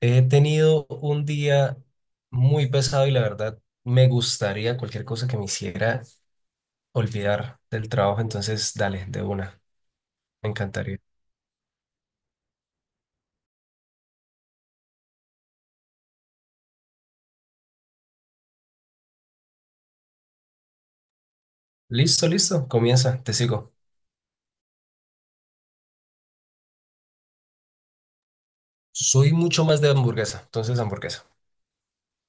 He tenido un día muy pesado y la verdad me gustaría cualquier cosa que me hiciera olvidar del trabajo. Entonces, dale, de una. Me encantaría. Listo, listo. Comienza, te sigo. Soy mucho más de hamburguesa. Entonces, hamburguesa.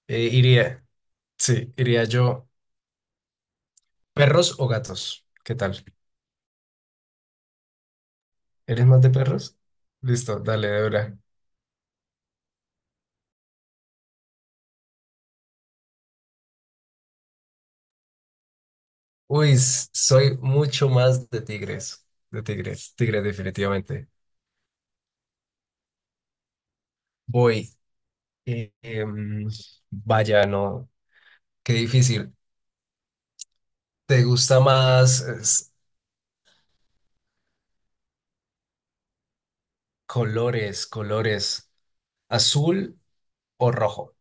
Iría, sí, iría yo. ¿Perros o gatos? ¿Qué tal? ¿Eres más de perros? Listo, dale, de una. Uy, soy mucho más de tigres. De tigres, tigres, definitivamente. Voy. Eh, em, vaya, no, qué difícil. ¿Te gusta más colores, colores, azul o rojo?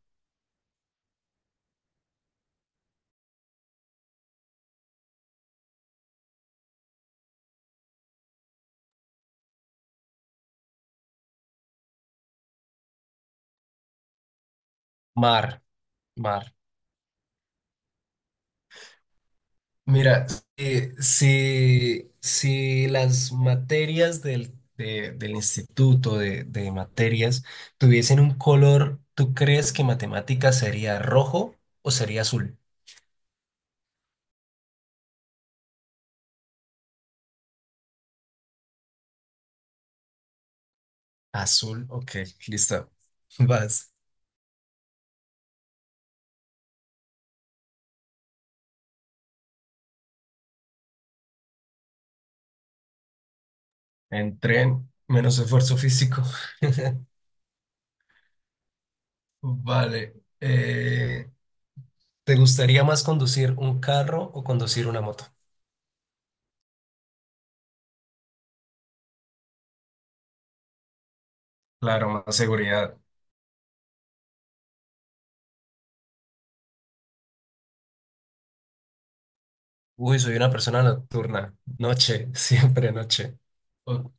Mar, mar. Mira, si las materias del instituto de materias tuviesen un color, ¿tú crees que matemáticas sería rojo o sería azul? Azul, ok, listo. Vas. En tren, menos esfuerzo físico. Vale. eh, ¿te gustaría más conducir un carro o conducir una moto? Claro, más seguridad. Uy, soy una persona nocturna. Noche, siempre noche. O-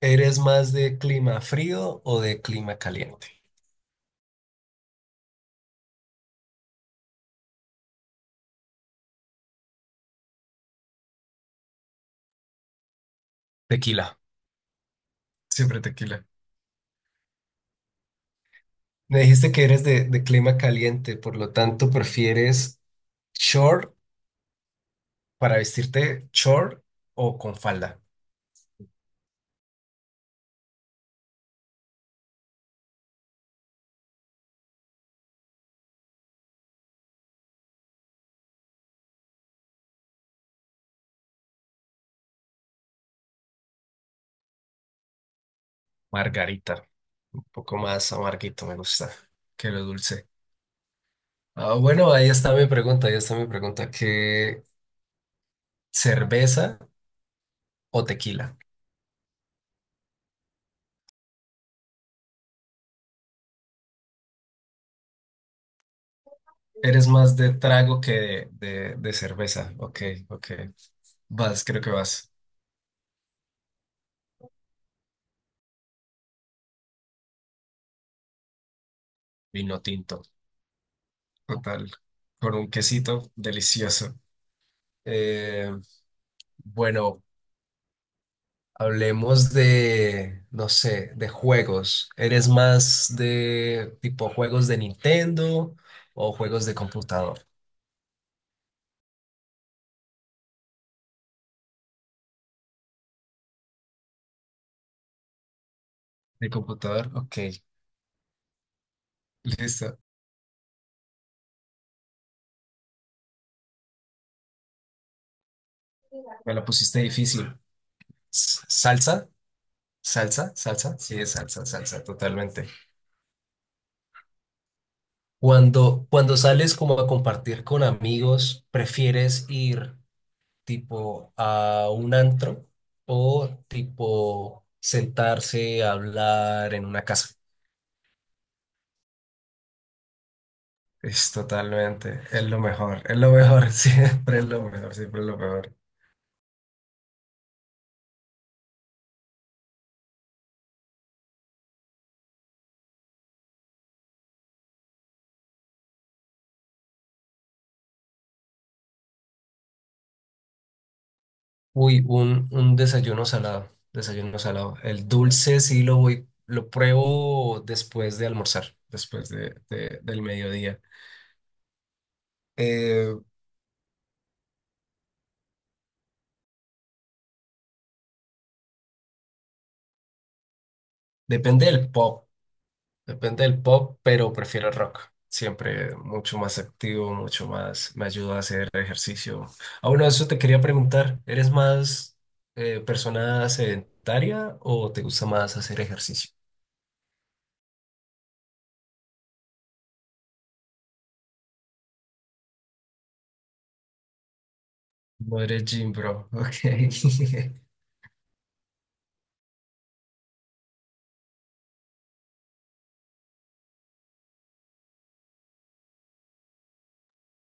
¿Eres más de clima frío o de clima caliente? Tequila. Siempre tequila. Me dijiste que eres de clima caliente, por lo tanto, ¿prefieres short para vestirte short o con falda? Margarita. Un poco más amarguito, me gusta que lo dulce. Ah, bueno, ahí está mi pregunta, ahí está mi pregunta. ¿Qué cerveza o tequila? Eres más de trago que de cerveza. Ok, ok. Vas, creo que vas. Vino tinto, total. Con un quesito delicioso. Eh, bueno, hablemos de, no sé, de juegos. ¿Eres más de tipo juegos de Nintendo o juegos de computador? De computador, ok. Listo. Me la pusiste difícil. Salsa, salsa, salsa, sí, es salsa, salsa, totalmente. Cuando sales como a compartir con amigos, ¿prefieres ir tipo a un antro o tipo sentarse a hablar en una casa? Es totalmente, es lo mejor, siempre es lo mejor, siempre es lo mejor. Uy, un desayuno salado, desayuno salado. El dulce sí lo voy, lo pruebo después de almorzar, después del mediodía. Eh, depende del pop, depende del pop, pero prefiero el rock. Siempre mucho más activo, mucho más, me ayuda a hacer ejercicio. Ah, bueno, eso te quería preguntar, ¿eres más persona sedentaria o te gusta más hacer ejercicio? No eres gym, bro. Ok.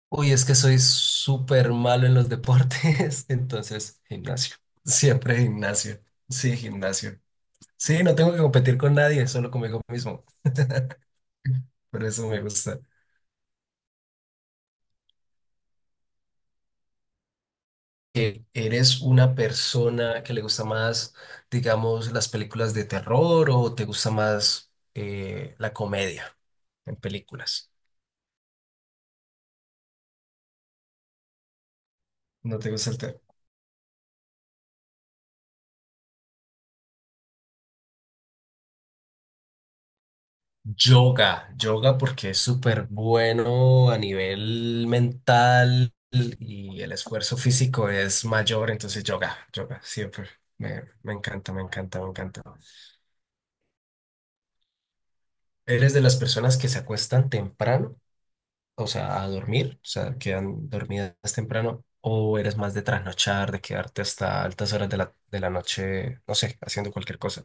Uy, es que soy súper malo en los deportes, entonces gimnasio. Siempre gimnasio. Sí, gimnasio. Sí, no tengo que competir con nadie, solo conmigo mismo. Por eso me gusta. ¿Eres una persona que le gusta más, digamos, las películas de terror o te gusta más la comedia en películas? No te gusta el terror. Yoga, yoga porque es súper bueno a nivel mental y el esfuerzo físico es mayor, entonces yoga, yoga, siempre. Me encanta, me encanta, me encanta. ¿Eres de las personas que se acuestan temprano, o sea, a dormir, o sea, quedan dormidas temprano, o eres más de trasnochar, de quedarte hasta altas horas de de la noche, no sé, haciendo cualquier cosa?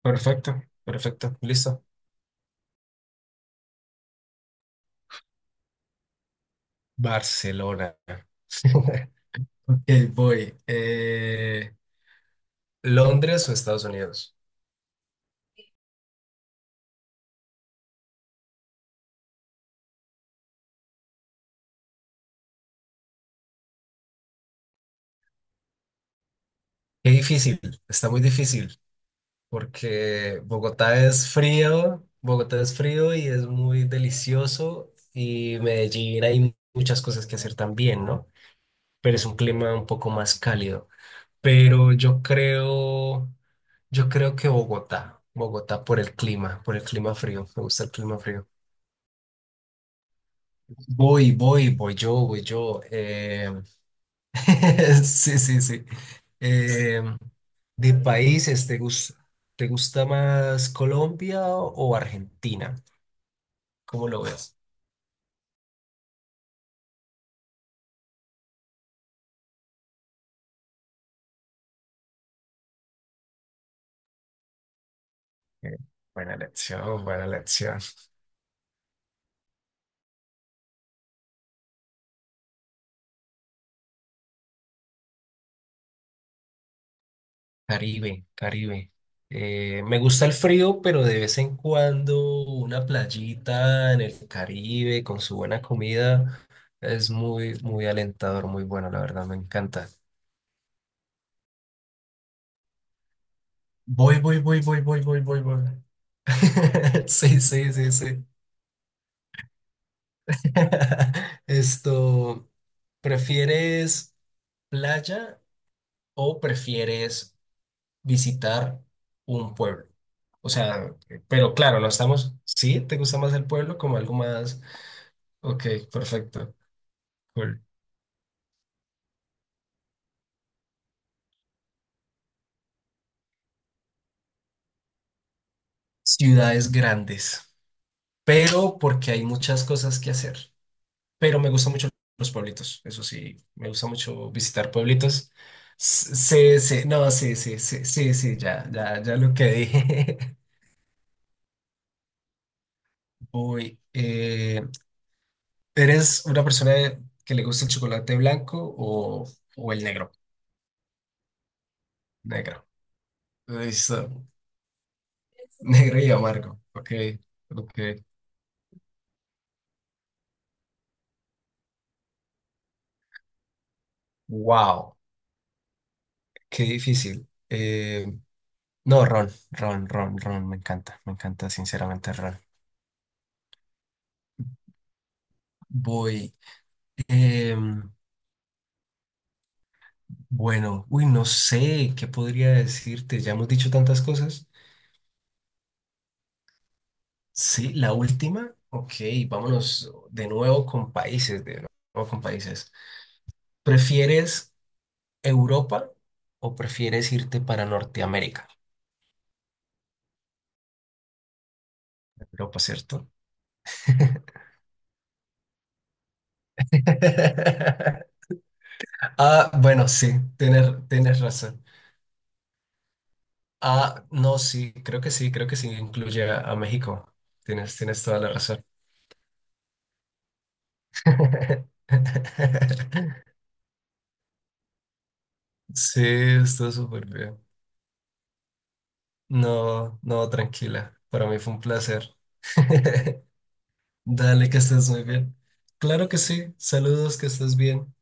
Perfecto, perfecto, listo. Barcelona. Ok, voy. ¿Londres o Estados Unidos? Qué difícil, está muy difícil, porque Bogotá es frío y es muy delicioso, y Medellín hay muchas cosas que hacer también, ¿no? Pero es un clima un poco más cálido. Pero yo creo que Bogotá, Bogotá por el clima frío, me gusta el clima frío. Voy, voy, voy yo, voy yo. Sí, sí, sí. Em, de países, ¿te gusta más Colombia o Argentina? ¿Cómo lo ves? Eh, Buena elección, buena elección. Caribe, Caribe. Me gusta el frío, pero de vez en cuando una playita en el Caribe con su buena comida es muy, muy alentador, muy bueno, la verdad, me encanta. Voy, voy, voy, voy, voy, voy, voy, voy. Sí, sí, sí, sí. Esto, ¿prefieres playa o prefieres visitar un pueblo? O sea, pero claro, no estamos, sí, ¿te gusta más el pueblo como algo más? Ok, perfecto. Cool. Ciudades grandes, pero porque hay muchas cosas que hacer. Pero me gustan mucho los pueblitos, eso sí, me gusta mucho visitar pueblitos. Sí, sí, no, sí, sí, sí, sí, sí, ya, ya, ya lo que dije. Uy, ¿eres una persona que le gusta el chocolate blanco o el negro? Negro. Listo. Negro y amargo. Ok, ok. Wow, qué difícil. No, ron, ron, ron, ron. Me encanta sinceramente el ron. Voy. em, bueno, uy, no sé qué podría decirte. Ya hemos dicho tantas cosas. Sí, la última. Ok, vámonos de nuevo con países, de nuevo con países. ¿Prefieres Europa o prefieres irte para Norteamérica? Europa, ¿cierto? Ah, bueno, sí, tienes, tienes razón. Ah, no, sí, creo que sí, creo que sí incluye a México. Tienes, tienes toda la razón. Sí, está súper bien. No, no, tranquila. Para mí fue un placer. Dale, que estés muy bien. Claro que sí. Saludos, que estés bien.